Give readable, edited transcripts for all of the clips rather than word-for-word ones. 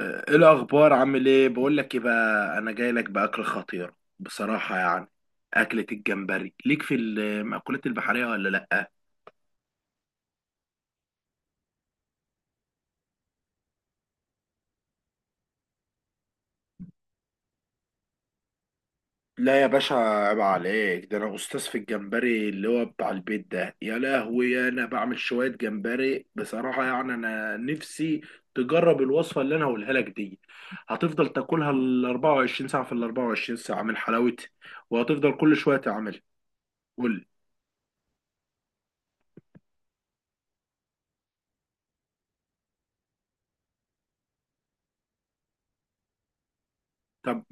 ايه الاخبار؟ عامل ايه؟ بقول لك ايه بقى، انا جاي لك باكل خطير بصراحه، يعني اكله الجمبري ليك في المأكولات البحريه ولا لا؟ لا يا باشا، عيب عليك. ده انا استاذ في الجمبري، اللي هو بتاع البيت ده، يا لهوي. انا بعمل شويه جمبري بصراحه يعني، انا نفسي تجرب الوصفه اللي انا هقولها لك دي. هتفضل تاكلها ال 24 ساعه في ال 24 ساعه من حلاوتها، وهتفضل كل شويه تعملها. قول لي. طب،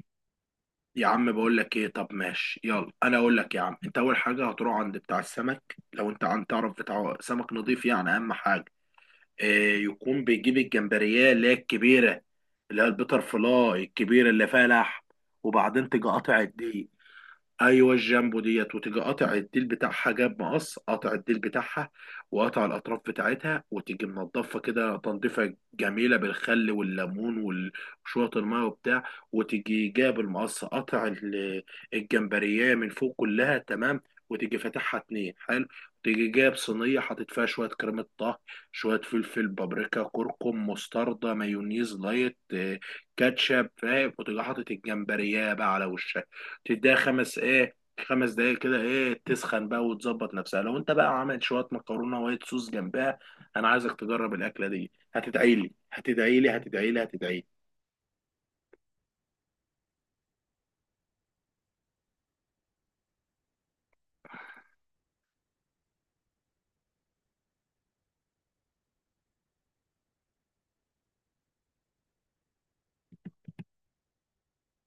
يا عم بقول لك ايه، طب ماشي، يلا انا اقول لك. يا عم انت اول حاجه هتروح عند بتاع السمك، لو انت عن تعرف بتاع سمك نظيف، يعني اهم حاجه إيه، يكون بيجيب الجمبريه اللي هي الكبيره، اللي هي البيتر فلاي الكبيره اللي فيها لحم، وبعدين تيجي قاطع الدقيق. ايوه الجامبو ديت، وتيجي قاطع الديل بتاعها، جاب مقص قاطع الديل بتاعها وقاطع الاطراف بتاعتها، وتيجي منضفه كده تنظيفه جميله بالخل والليمون وشويه الميه وبتاع، وتيجي جاب المقص قاطع الجمبريه من فوق كلها، تمام. وتيجي فاتحها اتنين، حلو. تيجي جاب صينيه حاطط فيها شويه كريمه طهي، شويه فلفل، بابريكا، كركم، مستردة، مايونيز لايت، كاتشب، فاهم، وتيجي حاطط الجمبريه بقى على وشها، تديها خمس دقايق كده، تسخن بقى وتظبط نفسها. لو انت بقى عملت شويه مكرونه وايت صوص جنبها، انا عايزك تجرب الاكله دي. هتدعي لي، هتدعي لي، هتدعي لي، هتدعي لي.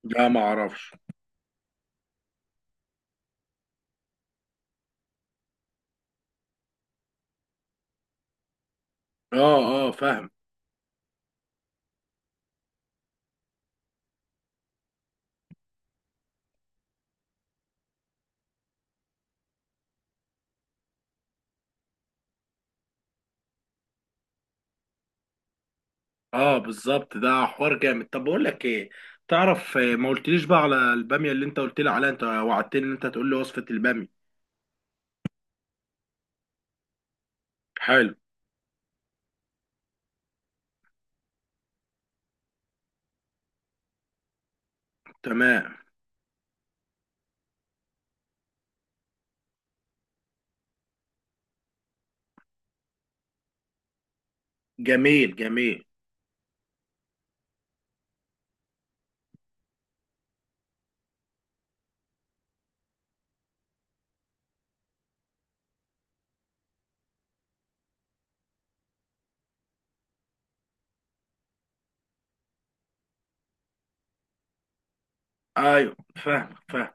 لا ما اعرفش. اه، اه، فاهم. اه، بالظبط، ده حوار جامد. طب بقول لك ايه، تعرف، ما قلتليش بقى على الباميه اللي انت قلت لي عليها، انت وعدتني ان انت تقول لي وصفه الباميه. حلو. تمام. جميل، جميل. ايوه، فاهمك، فاهم.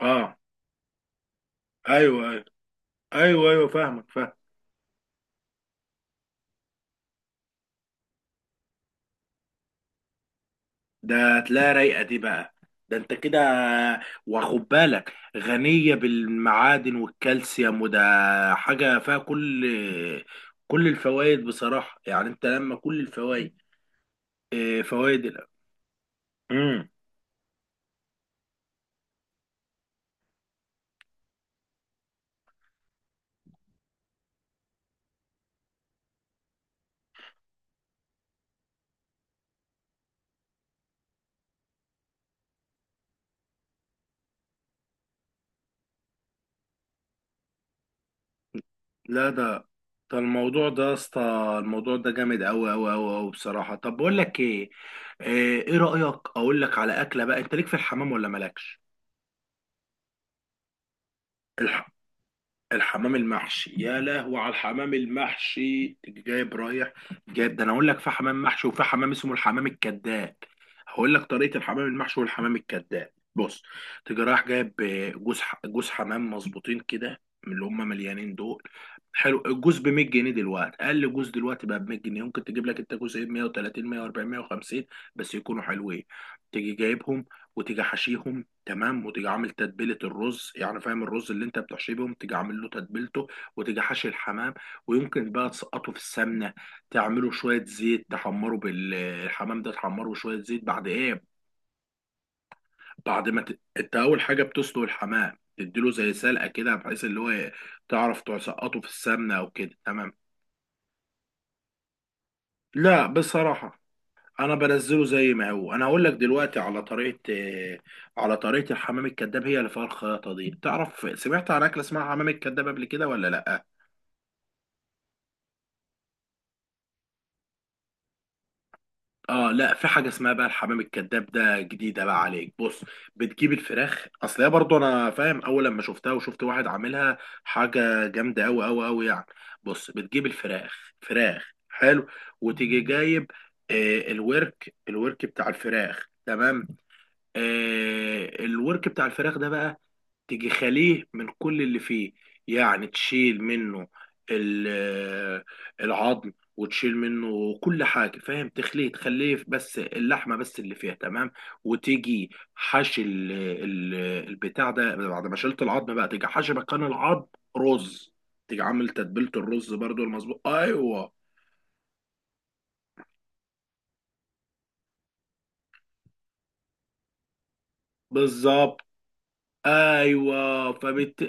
اه، ايوه، ايوه، ايوه، ايوه، فاهمك، فاهم. ده هتلاقيها رايقه دي بقى. ده انت كده واخد بالك، غنيه بالمعادن والكالسيوم وده، حاجه فيها كل الفوائد بصراحه يعني، انت لما كل الفوائد، اه، فوائد امم. لا، ده الموضوع ده يا اسطى، الموضوع ده جامد قوي قوي قوي قوي بصراحه. طب بقول لك ايه، اه، ايه رايك اقول لك على اكله بقى، انت ليك في الحمام ولا مالكش؟ الحمام المحشي، يا لهو على الحمام المحشي. تيجي جايب، رايح جايب، ده انا اقول لك، في حمام محشي وفي حمام اسمه الحمام الكذاب. هقول لك طريقه الحمام المحشي والحمام الكذاب. بص، تيجي رايح جايب جوز حمام مظبوطين كده، من اللي هم مليانين دول. حلو، الجوز ب 100 جنيه دلوقتي، اقل جوز دلوقتي بقى ب 100 جنيه، ممكن تجيب لك انت جوزين، 130، 140، 150، بس يكونوا حلوين. تيجي جايبهم، وتيجي حشيهم، تمام. وتيجي عامل تتبيله الرز يعني، فاهم، الرز اللي انت بتحشيه بيهم، تيجي عامل له تتبيلته، وتيجي حاشي الحمام. ويمكن بقى تسقطه في السمنه، تعمله شويه زيت تحمره، بالحمام ده تحمره بشويه زيت، بعد ايه، بعد ما ت... انت اول حاجه بتسلق الحمام، تديله زي سلقه كده، بحيث اللي هو ايه، تعرف تسقطه في السمنه او كده، تمام. لا بصراحه، انا بنزله زي ما هو. انا هقول لك دلوقتي على طريقه، على طريقه الحمام الكذاب، هي اللي فيها الخياطه دي. تعرف سمعت عن اكله اسمها حمام الكذاب قبل كده ولا لا؟ اه لا، في حاجه اسمها بقى الحمام الكذاب، ده جديده بقى عليك. بص، بتجيب الفراخ، اصل هي برضو انا فاهم اول لما شفتها وشفت واحد عاملها، حاجه جامده قوي قوي قوي يعني. بص، بتجيب الفراخ، فراخ حلو، وتيجي جايب الورك بتاع الفراخ، تمام. الورك بتاع الفراخ ده بقى، تيجي خاليه من كل اللي فيه، يعني تشيل منه ال- العظم، وتشيل منه كل حاجة، فاهم، تخليه بس اللحمة بس اللي فيها، تمام. وتيجي حشي البتاع ده، بعد ما شلت العظم بقى تيجي حشي مكان العظم رز، تيجي عامل تتبيلة الرز برضو المظبوط. ايوه، بالظبط. ايوه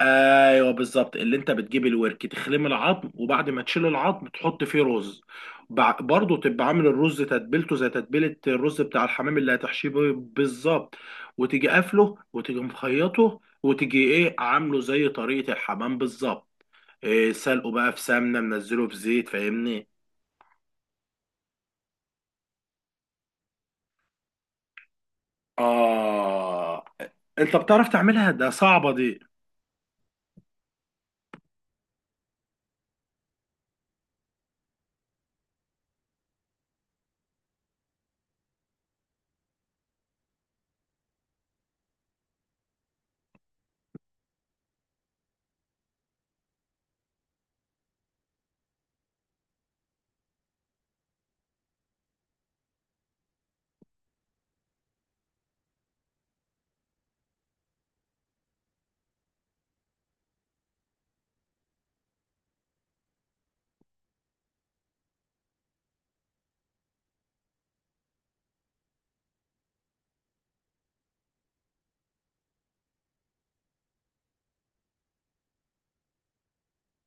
ايوه بالظبط، اللي انت بتجيب الورك تخلم العظم، وبعد ما تشيل العظم تحط فيه رز، برضه تبقى عامل الرز تتبيلته زي تتبيله الرز بتاع الحمام اللي هتحشيه بيه بالظبط، وتيجي قافله، وتيجي مخيطه، وتيجي ايه عامله زي طريقه الحمام بالظبط، إيه، سلقه بقى في سمنه، منزله في زيت، فاهمني. اه. انت بتعرف تعملها؟ ده صعبه دي.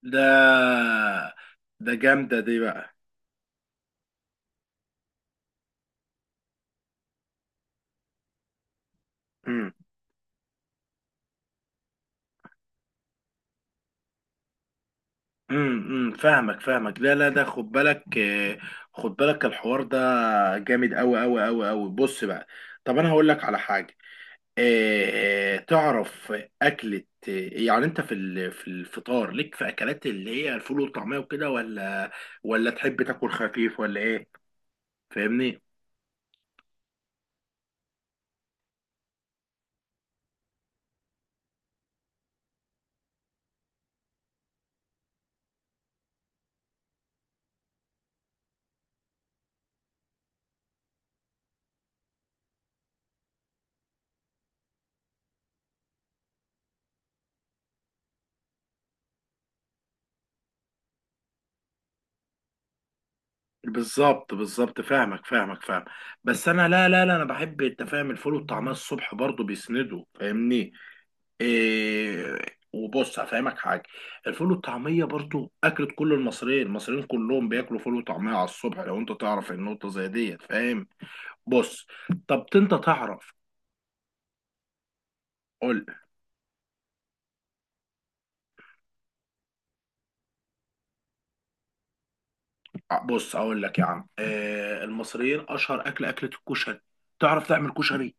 ده ده جامده دي بقى. امم، فاهمك، فاهمك. لا، لا، ده خد بالك، خد بالك الحوار ده، جامد قوي قوي قوي قوي. بص بقى، طب انا هقول لك على حاجه، تعرف اكله، يعني انت في في الفطار ليك في اكلات اللي هي الفول والطعميه وكده، ولا ولا تحب تاكل خفيف ولا ايه، فاهمني؟ بالظبط، بالظبط، فاهمك، فاهمك، فاهم. بس انا، لا لا لا، انا بحب، انت فاهم، الفول والطعميه الصبح برضه بيسندوا، فاهمني. إيه، وبص هفهمك حاجه. الفول والطعميه برضو اكلة كل المصريين، المصريين كلهم بياكلوا فول وطعميه على الصبح، لو انت تعرف النقطه زي ديت، فاهم. بص، طب انت تعرف، قول. بص اقول لك يا عم إيه، المصريين اشهر اكل اكله الكشري. تعرف تعمل كشري؟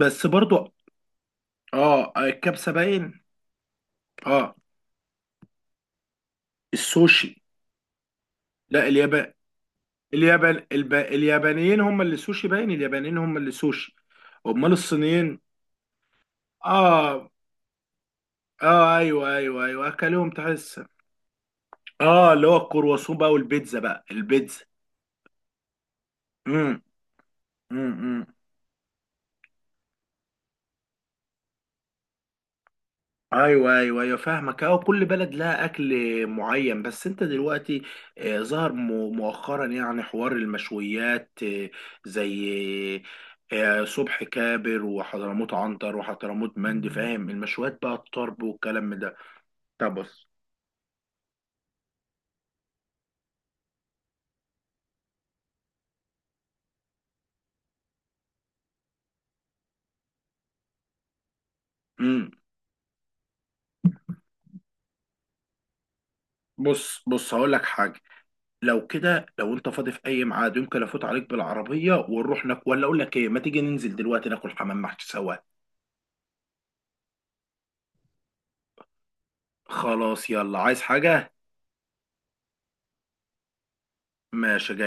بس برضو. اه، الكبسه باين. اه، السوشي. لا، اليابان، اليابان اليابانيين هم اللي سوشي باين، اليابانيين هم اللي سوشي. امال الصينيين؟ اه، اه، ايوه، ايوه، ايوه، اكلهم تحس. اه، اللي هو الكرواسون بقى والبيتزا، بقى البيتزا. امم، امم، ايوه، ايوه، ايوه، فاهمك. اه، كل بلد لها اكل معين، بس انت دلوقتي ظهر مؤخرا يعني حوار المشويات، زي صبح كابر وحضرموت، عنتر وحضرموت، مندي، فاهم، المشويات بقى، الطرب والكلام ده. طب بص. امم بص، بص، هقول لك حاجه. لو كده، لو انت فاضي في اي ميعاد، يمكن افوت عليك بالعربيه ونروح ناكل، ولا اقول لك ايه، ما تيجي ننزل دلوقتي ناكل حمام محشي سوا. خلاص، يلا، عايز حاجه؟ ماشي، جاي.